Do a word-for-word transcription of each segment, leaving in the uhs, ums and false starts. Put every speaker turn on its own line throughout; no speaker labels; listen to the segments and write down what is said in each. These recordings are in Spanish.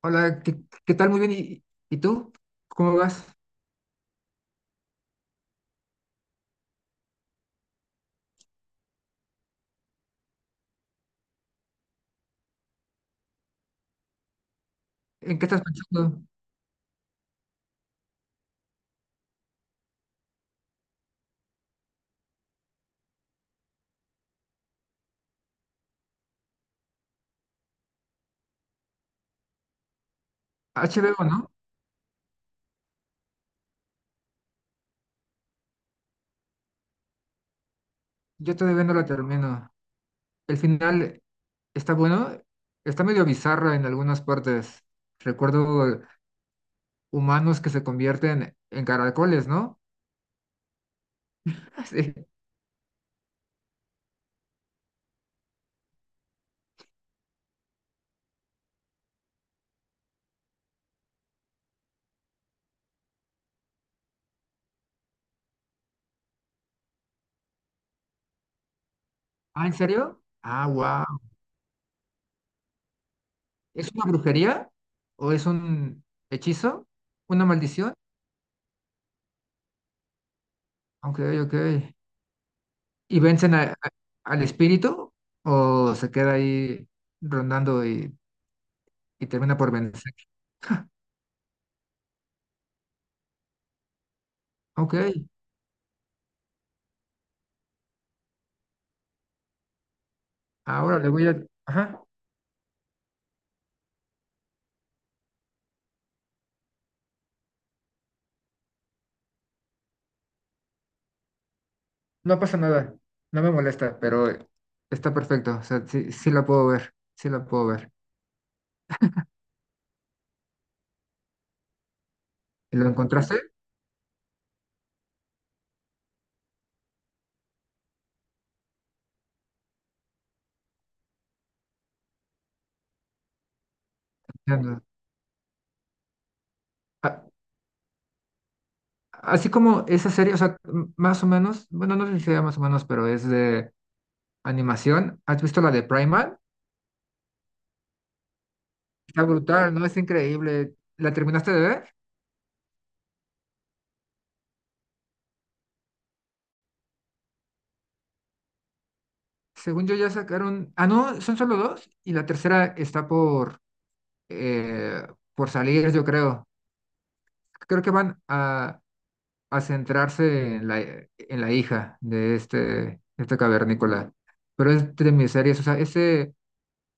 Hola, ¿qué, qué tal? Muy bien. ¿Y, y tú? ¿Cómo vas? ¿En qué estás pensando? H B O, ¿no? Yo todavía no la termino. El final está bueno, está medio bizarro en algunas partes. Recuerdo humanos que se convierten en caracoles, ¿no? Sí. Ah, ¿en serio? Ah, wow. ¿Es una brujería? ¿O es un hechizo? ¿Una maldición? Ok, ok. ¿Y vencen a- a- al espíritu? ¿O se queda ahí rondando y y termina por vencer? Ok, ahora le voy a. Ajá, no pasa nada, no me molesta, pero está perfecto, o sea, sí, sí la puedo ver, sí la puedo ver. ¿Y ¿Lo encontraste? Ya no. A- Así como esa serie, o sea, m- más o menos, bueno, no sé si sea más o menos, pero es de animación. ¿Has visto la de Primal? Está brutal, ¿no? Es increíble. ¿La terminaste de ver? Según yo ya sacaron. Ah, no, son solo dos y la tercera está por, eh, por salir, yo creo. Creo que van a a centrarse en la, en la, hija de este, este cavernícola. Pero es de mis series, o sea, ese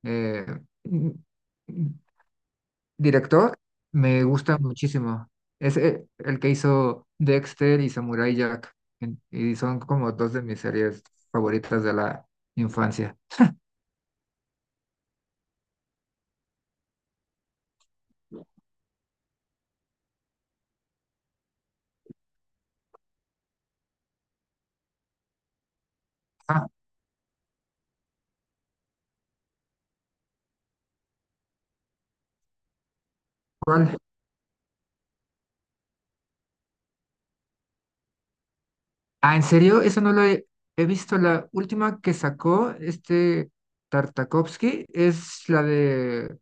eh, mm, director me gusta muchísimo. Es e- el que hizo Dexter y Samurai Jack. en- Y son como dos de mis series favoritas de la infancia. Ah, ¿cuál? Ah, ¿en serio? Eso no lo he, he visto. La última que sacó este Tartakovsky es la de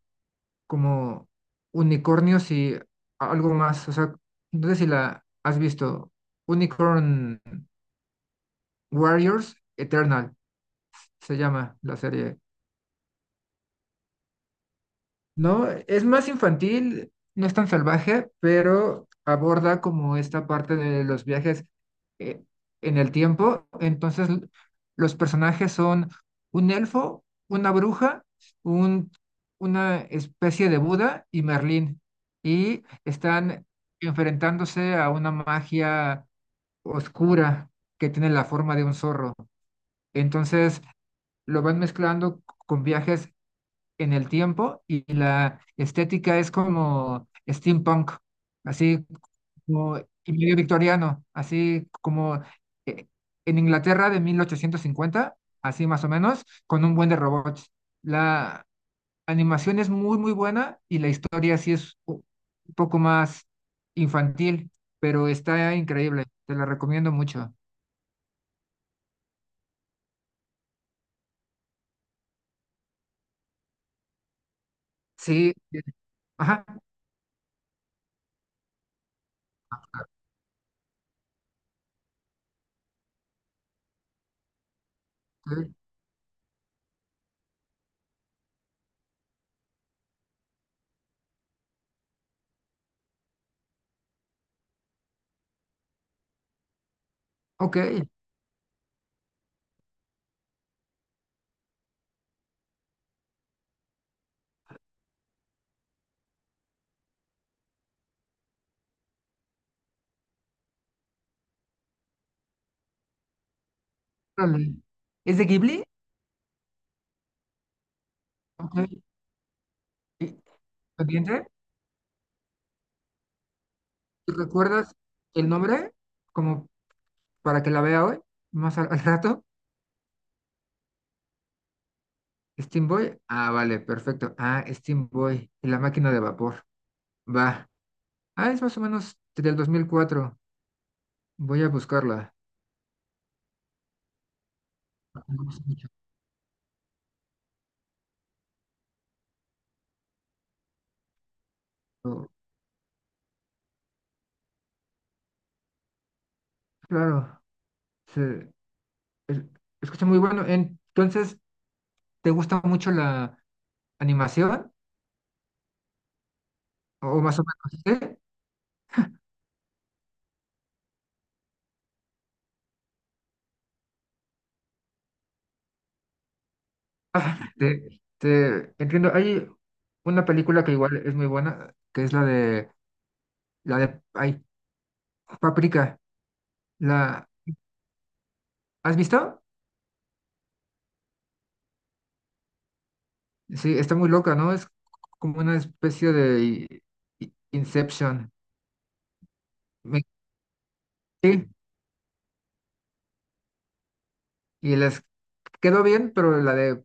como unicornios y algo más. O sea, no sé si la has visto. Unicorn Warriors Eternal se llama la serie. No, es más infantil, no es tan salvaje, pero aborda como esta parte de los viajes eh, en el tiempo. Entonces, l- los personajes son un elfo, una bruja, un, una especie de Buda y Merlín. Y están enfrentándose a una magia oscura que tiene la forma de un zorro. Entonces, lo van mezclando con viajes en el tiempo y la estética es como steampunk, así como y medio victoriano, así como eh, en Inglaterra de mil ochocientos cincuenta, así más o menos, con un buen de robots. La animación es muy, muy buena y la historia sí es u- un poco más infantil, pero está increíble, te la recomiendo mucho. Sí, eh, ajá, ok, ok, órale. ¿Es de Ghibli? Ok, ¿y- pendiente? ¿Recuerdas el nombre? Como para que la vea hoy, más al, al rato. Steam Boy. Ah, vale, perfecto. Ah, Steam Boy y la máquina de vapor. Va. Ah, es más o menos del dos mil cuatro. Voy a buscarla. No me escucho. Claro, se es- escucha muy bueno. Entonces, ¿te gusta mucho la animación? O más o menos, ¿sí? Te, te entiendo. Hay una película que igual es muy buena, que es la de la de ay, Paprika. ¿La has visto? Sí, está muy loca, ¿no? Es como una especie de i- i- Inception. Me- sí, y les quedó bien, pero la de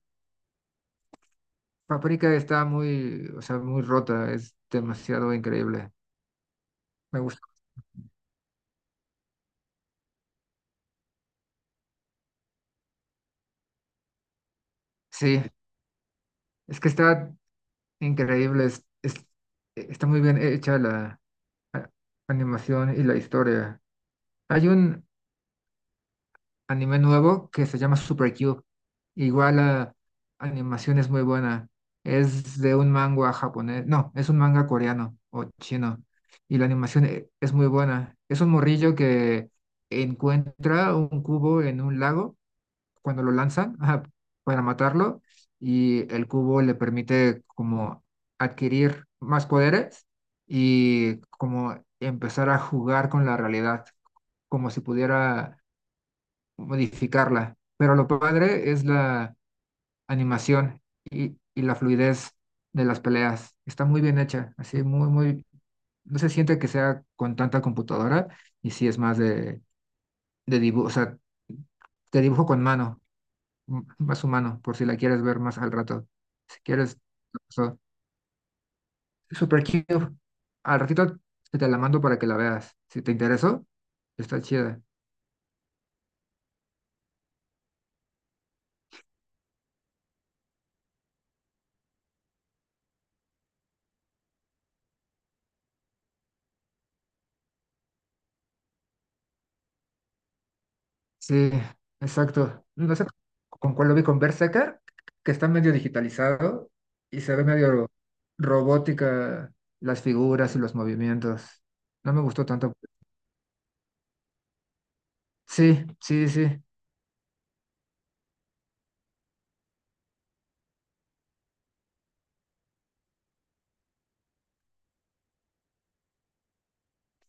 Paprika está muy, o sea, muy rota, es demasiado increíble. Me gusta. Sí, es que está increíble, es- es- está muy bien hecha la a- animación y la historia. Hay un anime nuevo que se llama Super Cube. Igual la animación es muy buena. Es de un manga japonés, no, es un manga coreano o chino. Y la animación e- es muy buena. Es un morrillo que encuentra un cubo en un lago cuando lo lanzan, ajá, para matarlo, y el cubo le permite como adquirir más poderes y como empezar a jugar con la realidad, como si pudiera modificarla. Pero lo padre es la animación y, y la fluidez de las peleas. Está muy bien hecha, así muy, muy, no se siente que sea con tanta computadora y sí es más de, de dibujo, o sea, te dibujo con mano, m- más humano, por si la quieres ver más al rato. Si quieres, so- super cute. Al ratito te la mando para que la veas. Si te interesó, está chida. Sí, exacto. No sé con cuál lo vi, con Berserker, que está medio digitalizado y se ve medio robótica las figuras y los movimientos. No me gustó tanto. Sí, sí, sí,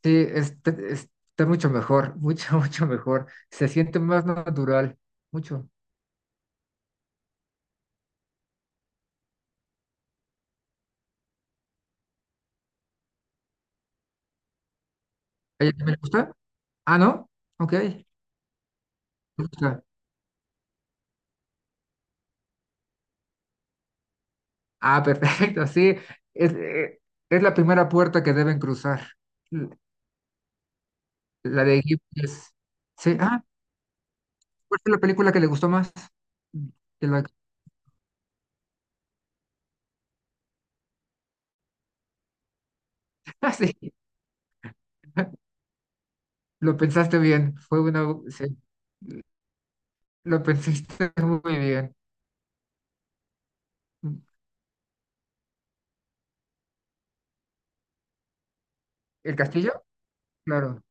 sí, está, está mucho mejor, mucho, mucho mejor. Se siente más natural, mucho. ¿A ella también le gusta? Ah, ¿no? Ok, le gusta. Ah, perfecto, sí. Es, eh, es la primera puerta que deben cruzar. L- La de Ghibli es. Sí, ah, ¿cuál fue la película que le gustó más? De la- Ah, sí, lo pensaste bien. Fue una. Sí, lo pensaste muy bien. ¿El castillo? Claro.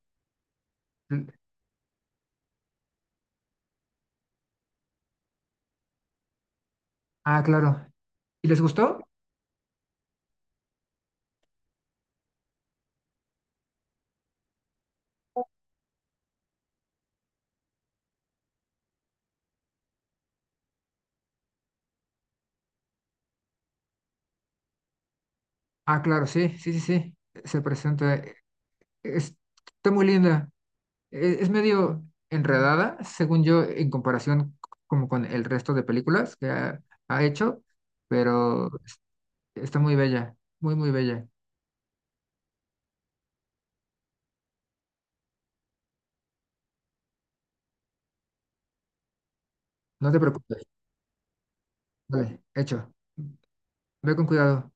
Ah, claro. ¿Y les gustó? Ah, claro, sí, sí, sí, sí. Se presenta. eh, es- Está muy linda. Eh, Es medio enredada, según yo, en comparación c- como con el resto de películas que ha, ha hecho, pero está muy bella, muy, muy bella. No te preocupes. Vale, hecho. Ve con cuidado.